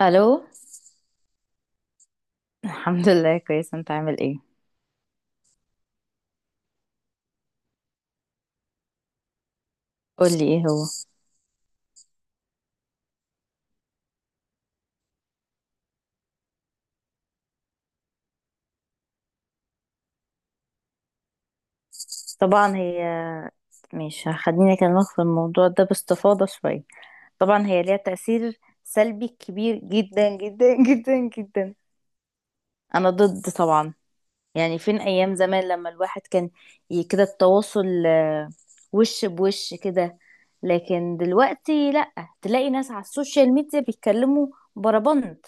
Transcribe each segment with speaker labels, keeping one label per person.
Speaker 1: الو. الحمد لله، كويس. انت عامل ايه؟ قولي ايه هو. طبعا هي مش خليني اكلمك في الموضوع ده باستفاضة شوية. طبعا هي ليها تأثير سلبي كبير جدا جدا جدا جدا. انا ضد طبعا. يعني فين ايام زمان لما الواحد كان كده، التواصل وش بوش كده. لكن دلوقتي لا، تلاقي ناس على السوشيال ميديا بيتكلموا بربنت،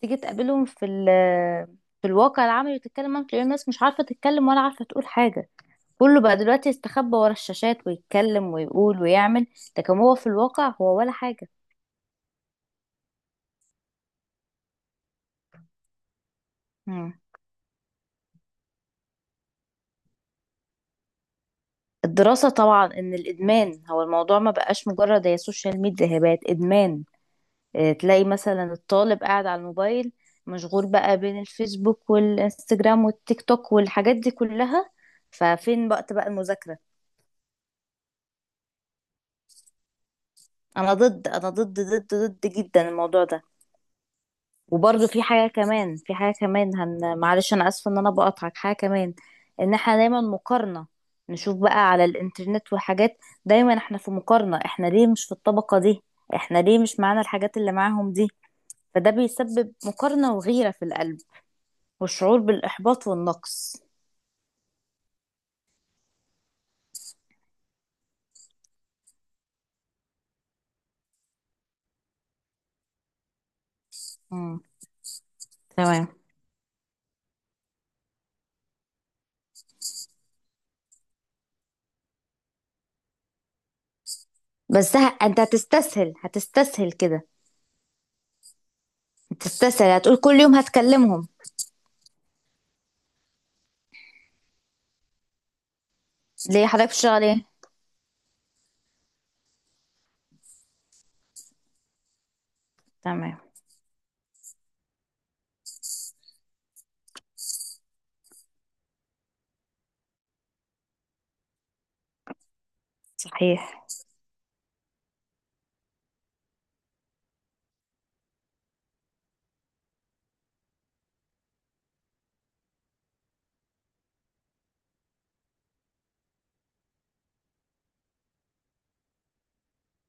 Speaker 1: تيجي تقابلهم في ال آه، في الواقع العملي وتتكلم معاهم تلاقي الناس مش عارفة تتكلم ولا عارفة تقول حاجة. كله بقى دلوقتي يستخبى ورا الشاشات ويتكلم ويقول ويعمل، لكن هو في الواقع هو ولا حاجة. مم. الدراسة، طبعا ان الادمان، هو الموضوع ما بقاش مجرد هي سوشيال ميديا، هي بقت ادمان. تلاقي مثلا الطالب قاعد على الموبايل، مشغول بقى بين الفيسبوك والانستجرام والتيك توك والحاجات دي كلها. ففين وقت بقى المذاكرة؟ انا ضد، انا ضد ضد ضد جدا الموضوع ده. وبرضه في حاجة كمان، في حاجة كمان، معلش انا اسفة ان انا بقطعك، حاجة كمان. ان احنا دايما مقارنة، نشوف بقى على الانترنت وحاجات، دايما احنا في مقارنة، احنا ليه مش في الطبقة دي، احنا ليه مش معانا الحاجات اللي معاهم دي. فده بيسبب مقارنة وغيرة في القلب والشعور بالإحباط والنقص. مم. تمام. بس أنت هتستسهل كده، هتستسهل هتقول كل يوم هتكلمهم. ليه حضرتك بتشتغل إيه؟ تمام. صحيح.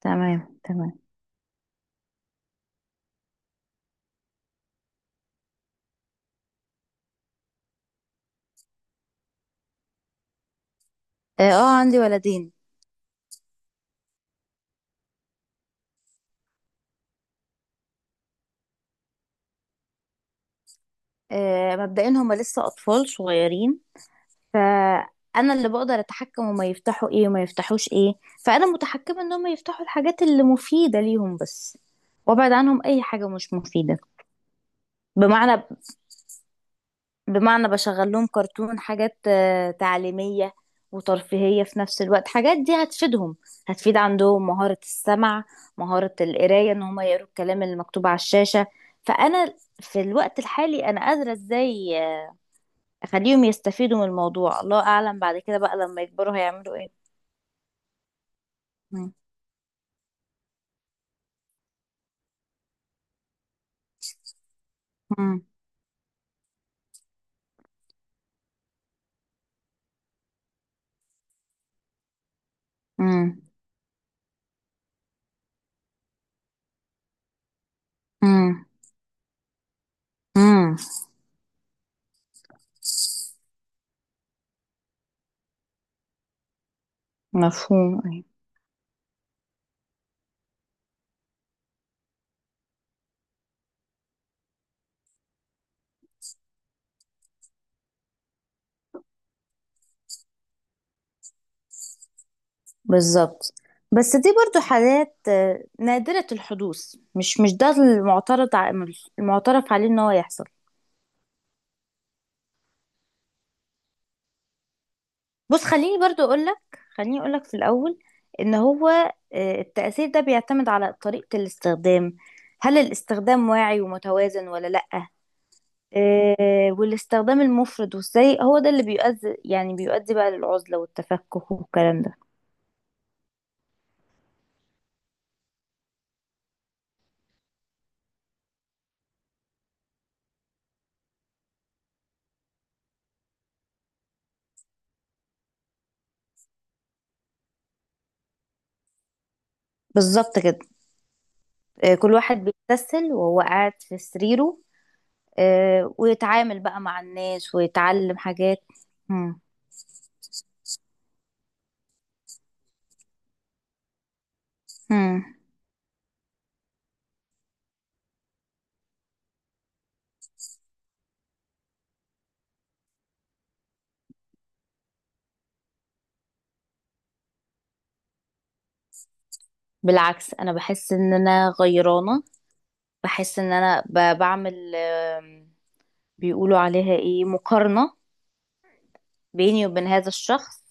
Speaker 1: تمام، تمام. اه، عندي ولدين. مبدئيا هما لسه أطفال صغيرين. فأنا اللي بقدر أتحكم هما يفتحوا إيه وما يفتحوش إيه. فأنا متحكمة إن هما يفتحوا الحاجات اللي مفيدة ليهم بس، وأبعد عنهم أي حاجة مش مفيدة. بمعنى بمعنى بشغل لهم كرتون، حاجات تعليمية وترفيهية في نفس الوقت، حاجات دي هتفيدهم، هتفيد عندهم مهارة السمع، مهارة القراية ان هما يقروا الكلام اللي مكتوب على الشاشة. فأنا في الوقت الحالي أنا قادرة ازاي أخليهم يستفيدوا من الموضوع. الله أعلم بعد كده بقى لما يكبروا هيعملوا ايه. مم. مم. مم. مم. مفهوم. بالظبط. بس دي برضو حالات نادرة الحدوث، مش ده المعترف عليه ان هو يحصل. بص، خليني اقولك في الاول، ان هو التأثير ده بيعتمد على طريقة الاستخدام. هل الاستخدام واعي ومتوازن ولا لأ؟ آه، والاستخدام المفرط والسيء هو ده اللي بيؤدي، يعني بيؤدي بقى للعزلة والتفكك والكلام ده. بالظبط كده. كل واحد بيتسل وهو قاعد في سريره، ويتعامل بقى مع الناس ويتعلم حاجات. مم. مم. بالعكس انا بحس ان انا غيرانة، بحس ان انا بعمل، بيقولوا عليها ايه، مقارنة بيني وبين هذا الشخص.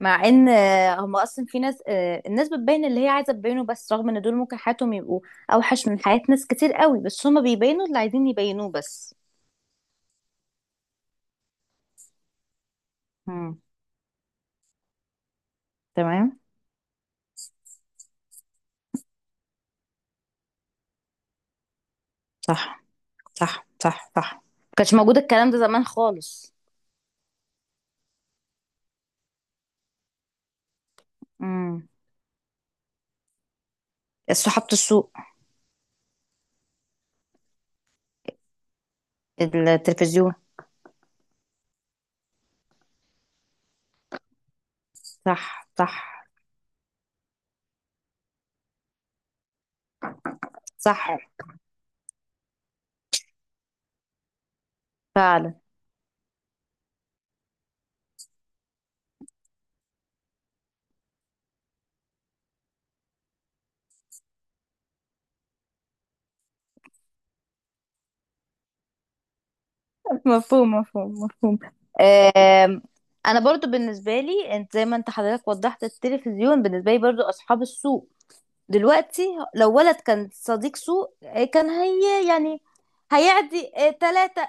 Speaker 1: مع ان هم اصلا في ناس آه، الناس بتبين اللي هي عايزة تبينه بس، رغم ان دول ممكن حياتهم يبقوا اوحش من حياة ناس كتير قوي، بس هم بيبينوا اللي عايزين يبينوه بس. مم. تمام. صح، صح، صح، صح. ما كانش موجود الكلام ده زمان خالص. صحافة السوق. التلفزيون. صح، صح، صح، فعلا. مفهوم، مفهوم، مفهوم. آم، انا برضو بالنسبه لي، انت زي ما انت حضرتك وضحت، التلفزيون بالنسبه لي برضو اصحاب السوق دلوقتي. لو ولد كان صديق سوق كان هي يعني هيعدي ثلاثة.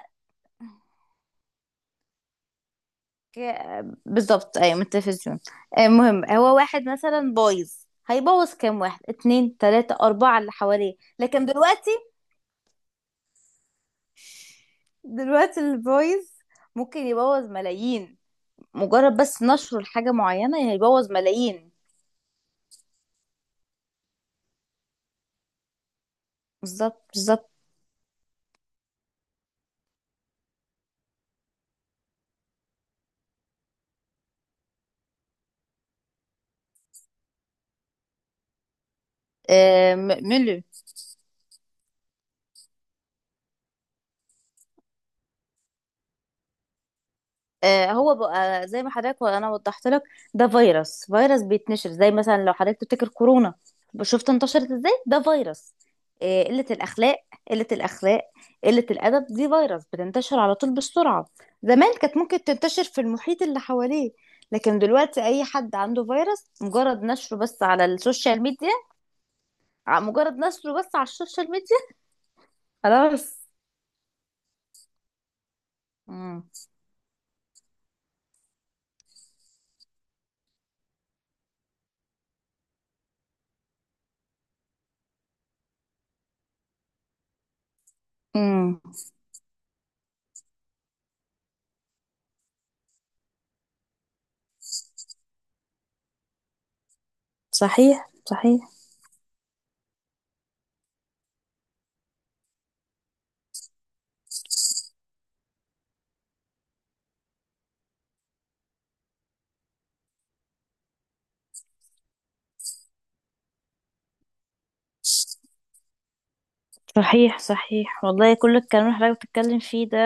Speaker 1: بالظبط، ايوه، من التلفزيون. المهم هو واحد مثلا بايظ، هيبوظ كام واحد، اتنين، تلاتة، أربعة اللي حواليه. لكن دلوقتي، دلوقتي الفويس ممكن يبوظ ملايين، مجرد بس نشر حاجة معينة يبوظ ملايين. بالظبط، بالظبط. ميلر. هو بقى زي ما حضرتك وانا وضحت لك، ده فيروس، فيروس بيتنشر، زي مثلا لو حضرتك تفتكر كورونا، شفت انتشرت ازاي؟ ده فيروس. قلة الأخلاق، قلة الأخلاق، قلة الأدب دي فيروس بتنتشر على طول بسرعة. زمان كانت ممكن تنتشر في المحيط اللي حواليه، لكن دلوقتي أي حد عنده فيروس مجرد نشره بس على السوشيال ميديا. ع- مجرد نشره بس على السوشيال ميديا خلاص. امم، امم. صحيح، صحيح، صحيح، صحيح، والله كل الكلام اللي حضرتك بتتكلم فيه ده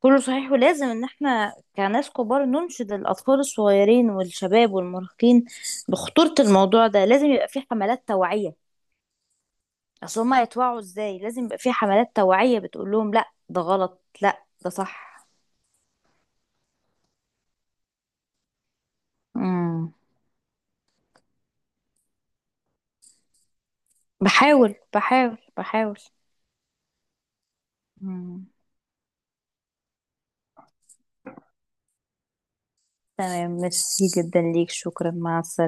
Speaker 1: كله صحيح. ولازم ان احنا كناس كبار ننشد الاطفال الصغيرين والشباب والمراهقين بخطورة الموضوع ده، لازم يبقى في حملات توعية. اصل هما يتوعوا ازاي؟ لازم يبقى في حملات توعية بتقول لهم لا، ده غلط، لا، ده صح. امم. بحاول، بحاول، بحاول. امم. تمام، ميرسي جدا ليك، شكرا، مع السلامة.